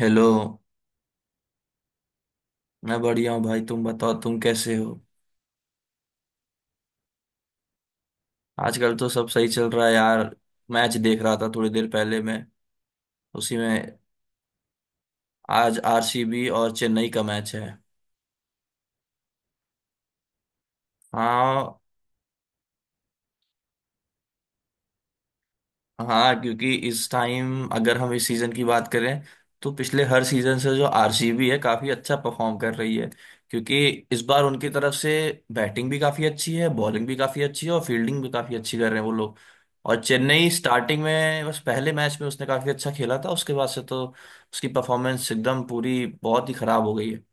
Hello. मैं बढ़िया हूँ भाई, तुम बताओ तुम कैसे हो? आजकल तो सब सही चल रहा है यार। मैच देख रहा था थोड़ी देर पहले मैं, उसी में। आज आरसीबी और चेन्नई का मैच है। हाँ। हाँ, क्योंकि इस टाइम अगर हम इस सीजन की बात करें तो पिछले हर सीजन से जो आरसीबी है काफी अच्छा परफॉर्म कर रही है क्योंकि इस बार उनकी तरफ से बैटिंग भी काफी अच्छी है, बॉलिंग भी काफी अच्छी है और फील्डिंग भी काफी अच्छी कर रहे हैं वो लोग। और चेन्नई स्टार्टिंग में बस पहले मैच में उसने काफी अच्छा खेला था, उसके बाद से तो उसकी परफॉर्मेंस एकदम पूरी बहुत ही खराब हो गई है।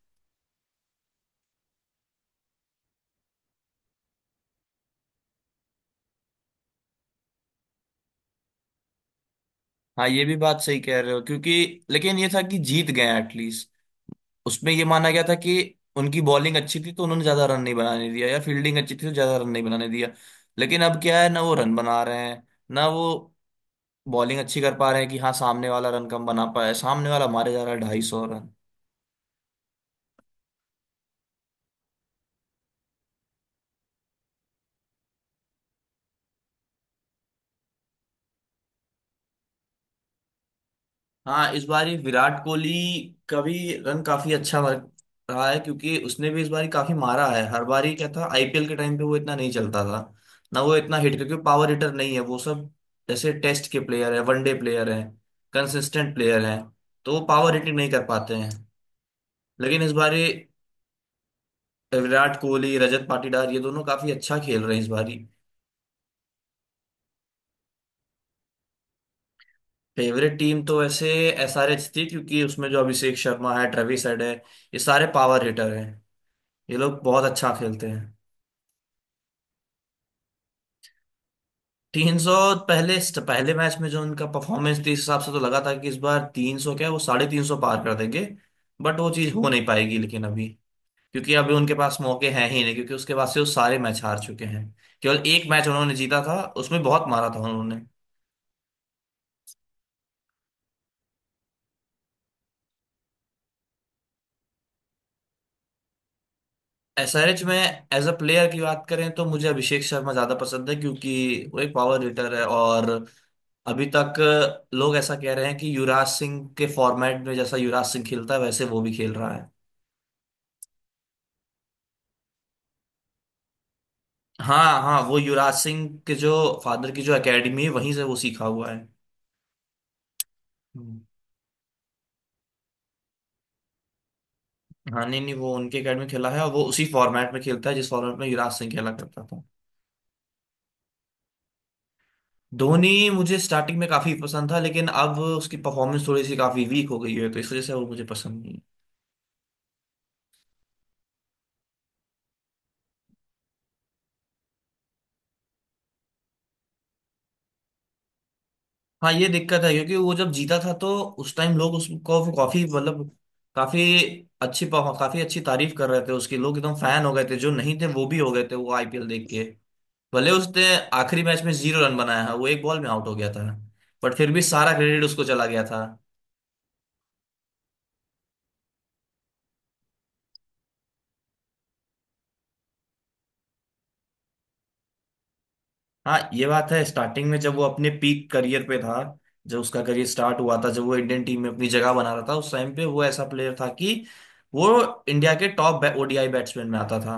हाँ ये भी बात सही कह रहे हो क्योंकि, लेकिन ये था कि जीत गए एटलीस्ट। उसमें ये माना गया था कि उनकी बॉलिंग अच्छी थी तो उन्होंने ज्यादा रन नहीं बनाने दिया या फील्डिंग अच्छी थी तो ज्यादा रन नहीं बनाने दिया। लेकिन अब क्या है ना, वो रन बना रहे हैं ना, वो बॉलिंग अच्छी कर पा रहे हैं कि हाँ सामने वाला रन कम बना पाया। सामने वाला मारे जा रहा है 250 रन। हाँ इस बार ये विराट कोहली का भी रन काफी अच्छा वर्क रहा है क्योंकि उसने भी इस बार काफी मारा है। हर बार ही क्या था, आईपीएल के टाइम पे वो इतना नहीं चलता था ना, वो इतना हिट क्योंकि पावर हिटर नहीं है वो सब। जैसे टेस्ट के प्लेयर है, वनडे प्लेयर है, कंसिस्टेंट प्लेयर है, तो वो पावर हिटिंग नहीं कर पाते हैं। लेकिन इस बार ये विराट कोहली, रजत पाटीदार, ये दोनों काफी अच्छा खेल रहे हैं इस बार ही। फेवरेट टीम तो वैसे एसआरएच थी क्योंकि उसमें जो अभिषेक शर्मा है, ट्रेविस हेड है, ये सारे पावर हिटर हैं। ये लोग बहुत अच्छा खेलते हैं। 300। पहले पहले मैच में जो उनका परफॉर्मेंस थी इस हिसाब से तो लगा था कि इस बार 300 क्या वो 350 पार कर देंगे। बट वो चीज़ हो नहीं पाएगी लेकिन अभी, क्योंकि अभी उनके पास मौके हैं ही नहीं क्योंकि उसके बाद से वो सारे मैच हार चुके हैं। केवल एक मैच उन्होंने जीता था उसमें बहुत मारा था उन्होंने। एसआरएच में एज अ प्लेयर की बात करें तो मुझे अभिषेक शर्मा ज्यादा पसंद है क्योंकि वो एक पावर हिटर है। और अभी तक लोग ऐसा कह रहे हैं कि युवराज सिंह के फॉर्मेट में जैसा युवराज सिंह खेलता है वैसे वो भी खेल रहा है। हाँ हाँ, वो युवराज सिंह के जो फादर की जो एकेडमी है वहीं से वो सीखा हुआ है। हम्म। हाँ, नहीं नहीं, वो उनके एकेडमी खेला है और वो उसी फॉर्मेट में खेलता है जिस फॉर्मेट में युवराज सिंह खेला करता था। धोनी मुझे स्टार्टिंग में काफी पसंद था लेकिन अब उसकी परफॉर्मेंस थोड़ी सी काफी वीक हो गई है तो इस वजह से वो मुझे पसंद नहीं है। हाँ ये दिक्कत है क्योंकि वो जब जीता था तो उस टाइम लोग उसको काफी, मतलब काफी काफी अच्छी तारीफ कर रहे थे उसकी, लोग एकदम फैन हो गए थे, जो नहीं थे वो भी हो गए थे वो आईपीएल देख के। भले उसने आखिरी मैच में जीरो रन बनाया है, वो एक बॉल में आउट हो गया था, बट फिर भी सारा क्रेडिट उसको चला गया था। हाँ ये बात है, स्टार्टिंग में जब वो अपने पीक करियर पे था, जब उसका करियर स्टार्ट हुआ था, जब वो इंडियन टीम में अपनी जगह बना रहा था उस टाइम पे वो ऐसा प्लेयर था कि वो इंडिया के टॉप ओडीआई बैट्समैन में आता था।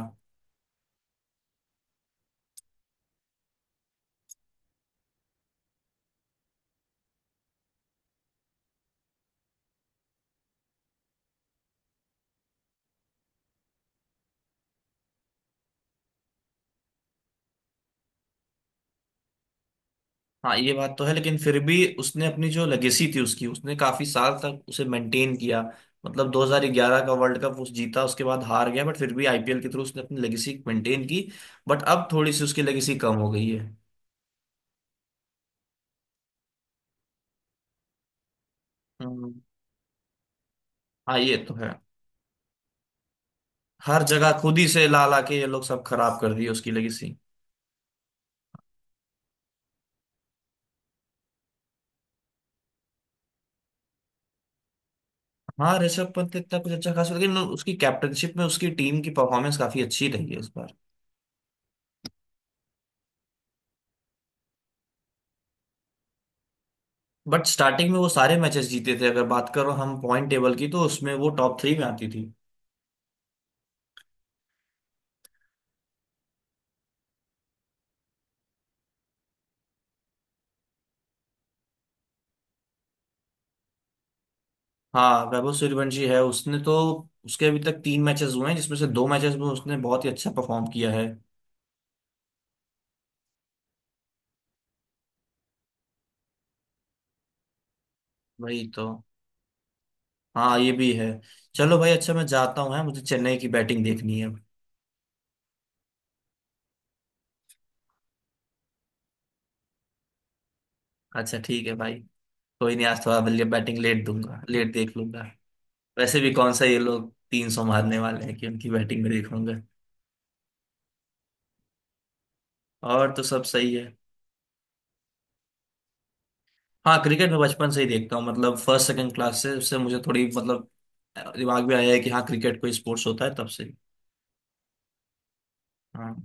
हाँ ये बात तो है लेकिन फिर भी उसने अपनी जो लेगेसी थी उसकी उसने काफी साल तक उसे मेंटेन किया। मतलब 2011 का वर्ल्ड कप उस जीता, उसके बाद हार गया, बट फिर भी आईपीएल के थ्रू उसने अपनी लेगेसी मेंटेन की। बट अब थोड़ी सी उसकी लेगेसी कम हो गई है। हम्म, हाँ ये तो है। हर जगह खुद ही से ला ला के ये लोग सब खराब कर दिए उसकी लेगेसी। हाँ, ऋषभ पंत इतना कुछ अच्छा खास, लेकिन उसकी कैप्टनशिप में उसकी टीम की परफॉर्मेंस काफी अच्छी रही है इस बार। बट स्टार्टिंग में वो सारे मैचेस जीते थे, अगर बात करो हम पॉइंट टेबल की तो उसमें वो टॉप थ्री में आती थी। हाँ, वैभव सूर्यवंशी है उसने तो, उसके अभी तक तीन मैचेस हुए हैं जिसमें से दो मैचेस में उसने बहुत ही अच्छा परफॉर्म किया है। वही तो। हाँ ये भी है। चलो भाई, अच्छा मैं जाता हूँ है, मुझे चेन्नई की बैटिंग देखनी है। अच्छा ठीक है भाई, कोई नहीं, आज थोड़ा बैटिंग लेट दूंगा, लेट देख लूंगा। वैसे भी कौन सा ये लोग 300 मारने वाले हैं कि उनकी बैटिंग में देखूंगा। और तो सब सही है। हाँ, क्रिकेट मैं बचपन से ही देखता हूँ मतलब फर्स्ट सेकंड क्लास से, उससे मुझे थोड़ी मतलब दिमाग में आया है कि हाँ क्रिकेट कोई स्पोर्ट्स होता है तब से। हाँ।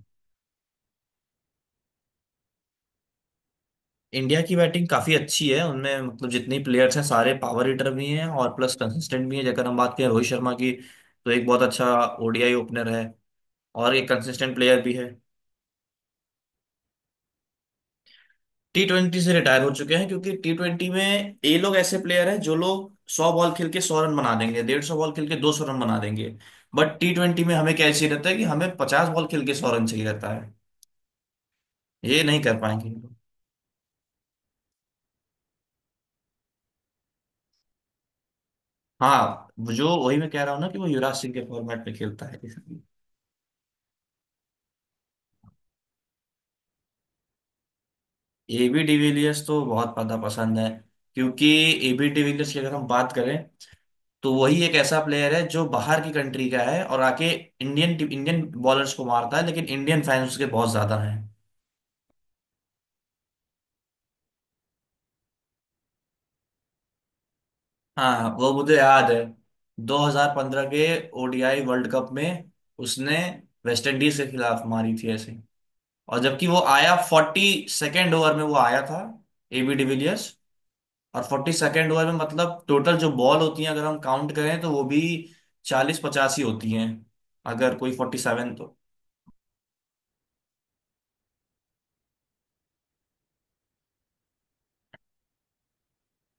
इंडिया की बैटिंग काफी अच्छी है, उनमें मतलब जितने प्लेयर्स हैं सारे पावर हिटर भी हैं और प्लस कंसिस्टेंट भी हैं। जगह हम बात करें रोहित शर्मा की, तो एक बहुत अच्छा ओडीआई ओपनर है और एक कंसिस्टेंट प्लेयर भी है। टी ट्वेंटी से रिटायर हो चुके हैं क्योंकि टी ट्वेंटी में ये लोग ऐसे प्लेयर हैं जो लोग सौ बॉल खेल के सौ रन बना देंगे, डेढ़ सौ बॉल खेल के दो सौ रन बना देंगे। बट टी ट्वेंटी में हमें क्या चाहिए रहता है कि हमें पचास बॉल खेल के सौ रन चाहिए रहता है। ये नहीं कर पाएंगे ये लोग। हाँ, जो वही मैं कह रहा हूँ ना कि वो युवराज सिंह के फॉर्मेट में खेलता है। एबी डिविलियर्स तो बहुत ज्यादा पसंद है क्योंकि एबी डिविलियर्स की अगर हम बात करें तो वही एक ऐसा प्लेयर है जो बाहर की कंट्री का है और आके इंडियन इंडियन बॉलर्स को मारता है लेकिन इंडियन फैंस उसके बहुत ज्यादा हैं। हाँ वो मुझे याद है, 2015 के ओडीआई वर्ल्ड कप में उसने वेस्ट इंडीज के खिलाफ मारी थी ऐसे। और जबकि वो आया फोर्टी सेकेंड ओवर में वो आया था एबी डिविलियर्स, और फोर्टी सेकेंड ओवर में मतलब टोटल जो बॉल होती हैं अगर हम काउंट करें तो वो भी चालीस पचासी होती हैं, अगर कोई फोर्टी सेवन तो।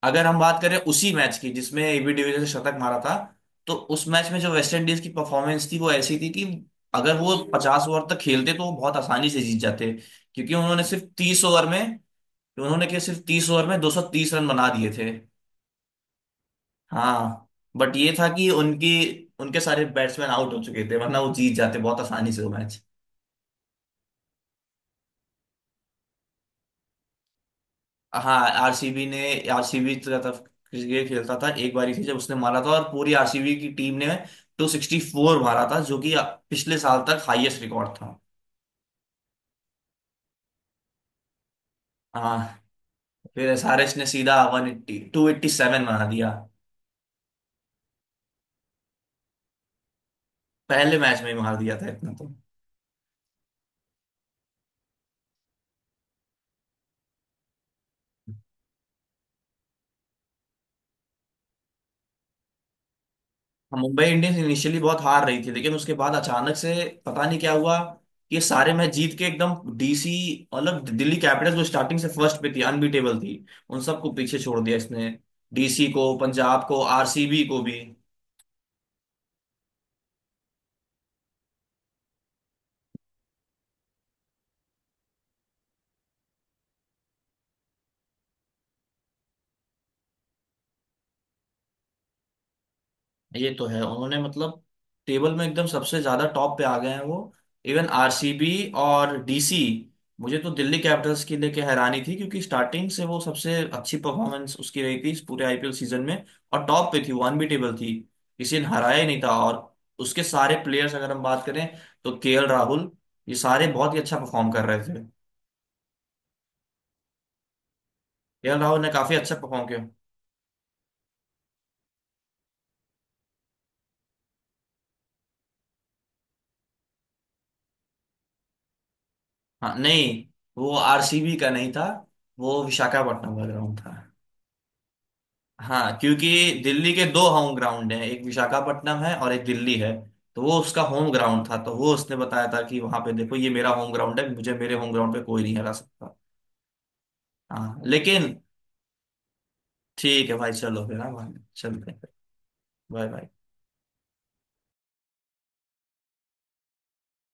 अगर हम बात करें उसी मैच की जिसमें एबी डिविलियर्स ने शतक मारा था, तो उस मैच में जो वेस्ट इंडीज की परफॉर्मेंस थी वो ऐसी थी कि अगर वो 50 ओवर तक खेलते तो वो बहुत आसानी से जीत जाते क्योंकि उन्होंने सिर्फ 30 ओवर में, उन्होंने क्या सिर्फ 30 ओवर में 230 रन बना दिए थे। हाँ बट ये था कि उनकी, उनके सारे बैट्समैन आउट हो चुके थे वरना वो जीत जाते बहुत आसानी से वो मैच। हाँ, आरसीबी ने, आरसीबी की तरफ क्रिकेट खेलता था एक बारी थी जब उसने मारा था और पूरी आरसीबी की टीम ने 264 मारा था जो कि पिछले साल तक हाईएस्ट रिकॉर्ड था। हाँ, फिर एसआरएच ने सीधा 180 287 मार दिया, पहले मैच में ही मार दिया था इतना तो। मुंबई इंडियंस इनिशियली बहुत हार रही थी लेकिन उसके बाद अचानक से पता नहीं क्या हुआ कि सारे मैच जीत के एकदम डीसी, मतलब दिल्ली कैपिटल्स जो स्टार्टिंग से फर्स्ट पे थी अनबीटेबल थी उन सबको पीछे छोड़ दिया इसने, डीसी को, पंजाब को, आरसीबी को भी। ये तो है उन्होंने मतलब टेबल में एकदम सबसे ज्यादा टॉप पे आ गए हैं वो, इवन आरसीबी और डीसी। मुझे तो दिल्ली कैपिटल्स की लेके हैरानी थी क्योंकि स्टार्टिंग से वो सबसे अच्छी परफॉर्मेंस उसकी रही थी इस पूरे आईपीएल सीजन में, और टॉप पे थी वो, अनबीटेबल थी, किसी ने हराया ही नहीं था। और उसके सारे प्लेयर्स अगर हम बात करें तो केएल राहुल, ये सारे बहुत ही अच्छा परफॉर्म कर रहे थे। केएल राहुल ने काफी अच्छा परफॉर्म किया। हाँ नहीं, वो आरसीबी का नहीं था, वो विशाखापट्टनम का ग्राउंड था। हाँ क्योंकि दिल्ली के दो होम ग्राउंड हैं, एक विशाखापट्टनम है और एक दिल्ली है, तो वो उसका होम ग्राउंड था तो वो उसने बताया था कि वहां पे देखो ये मेरा होम ग्राउंड है, मुझे मेरे होम ग्राउंड पे कोई नहीं हरा सकता। हाँ लेकिन, ठीक है भाई, चलो फिर, हाँ भाई चलते हैं। Bye bye.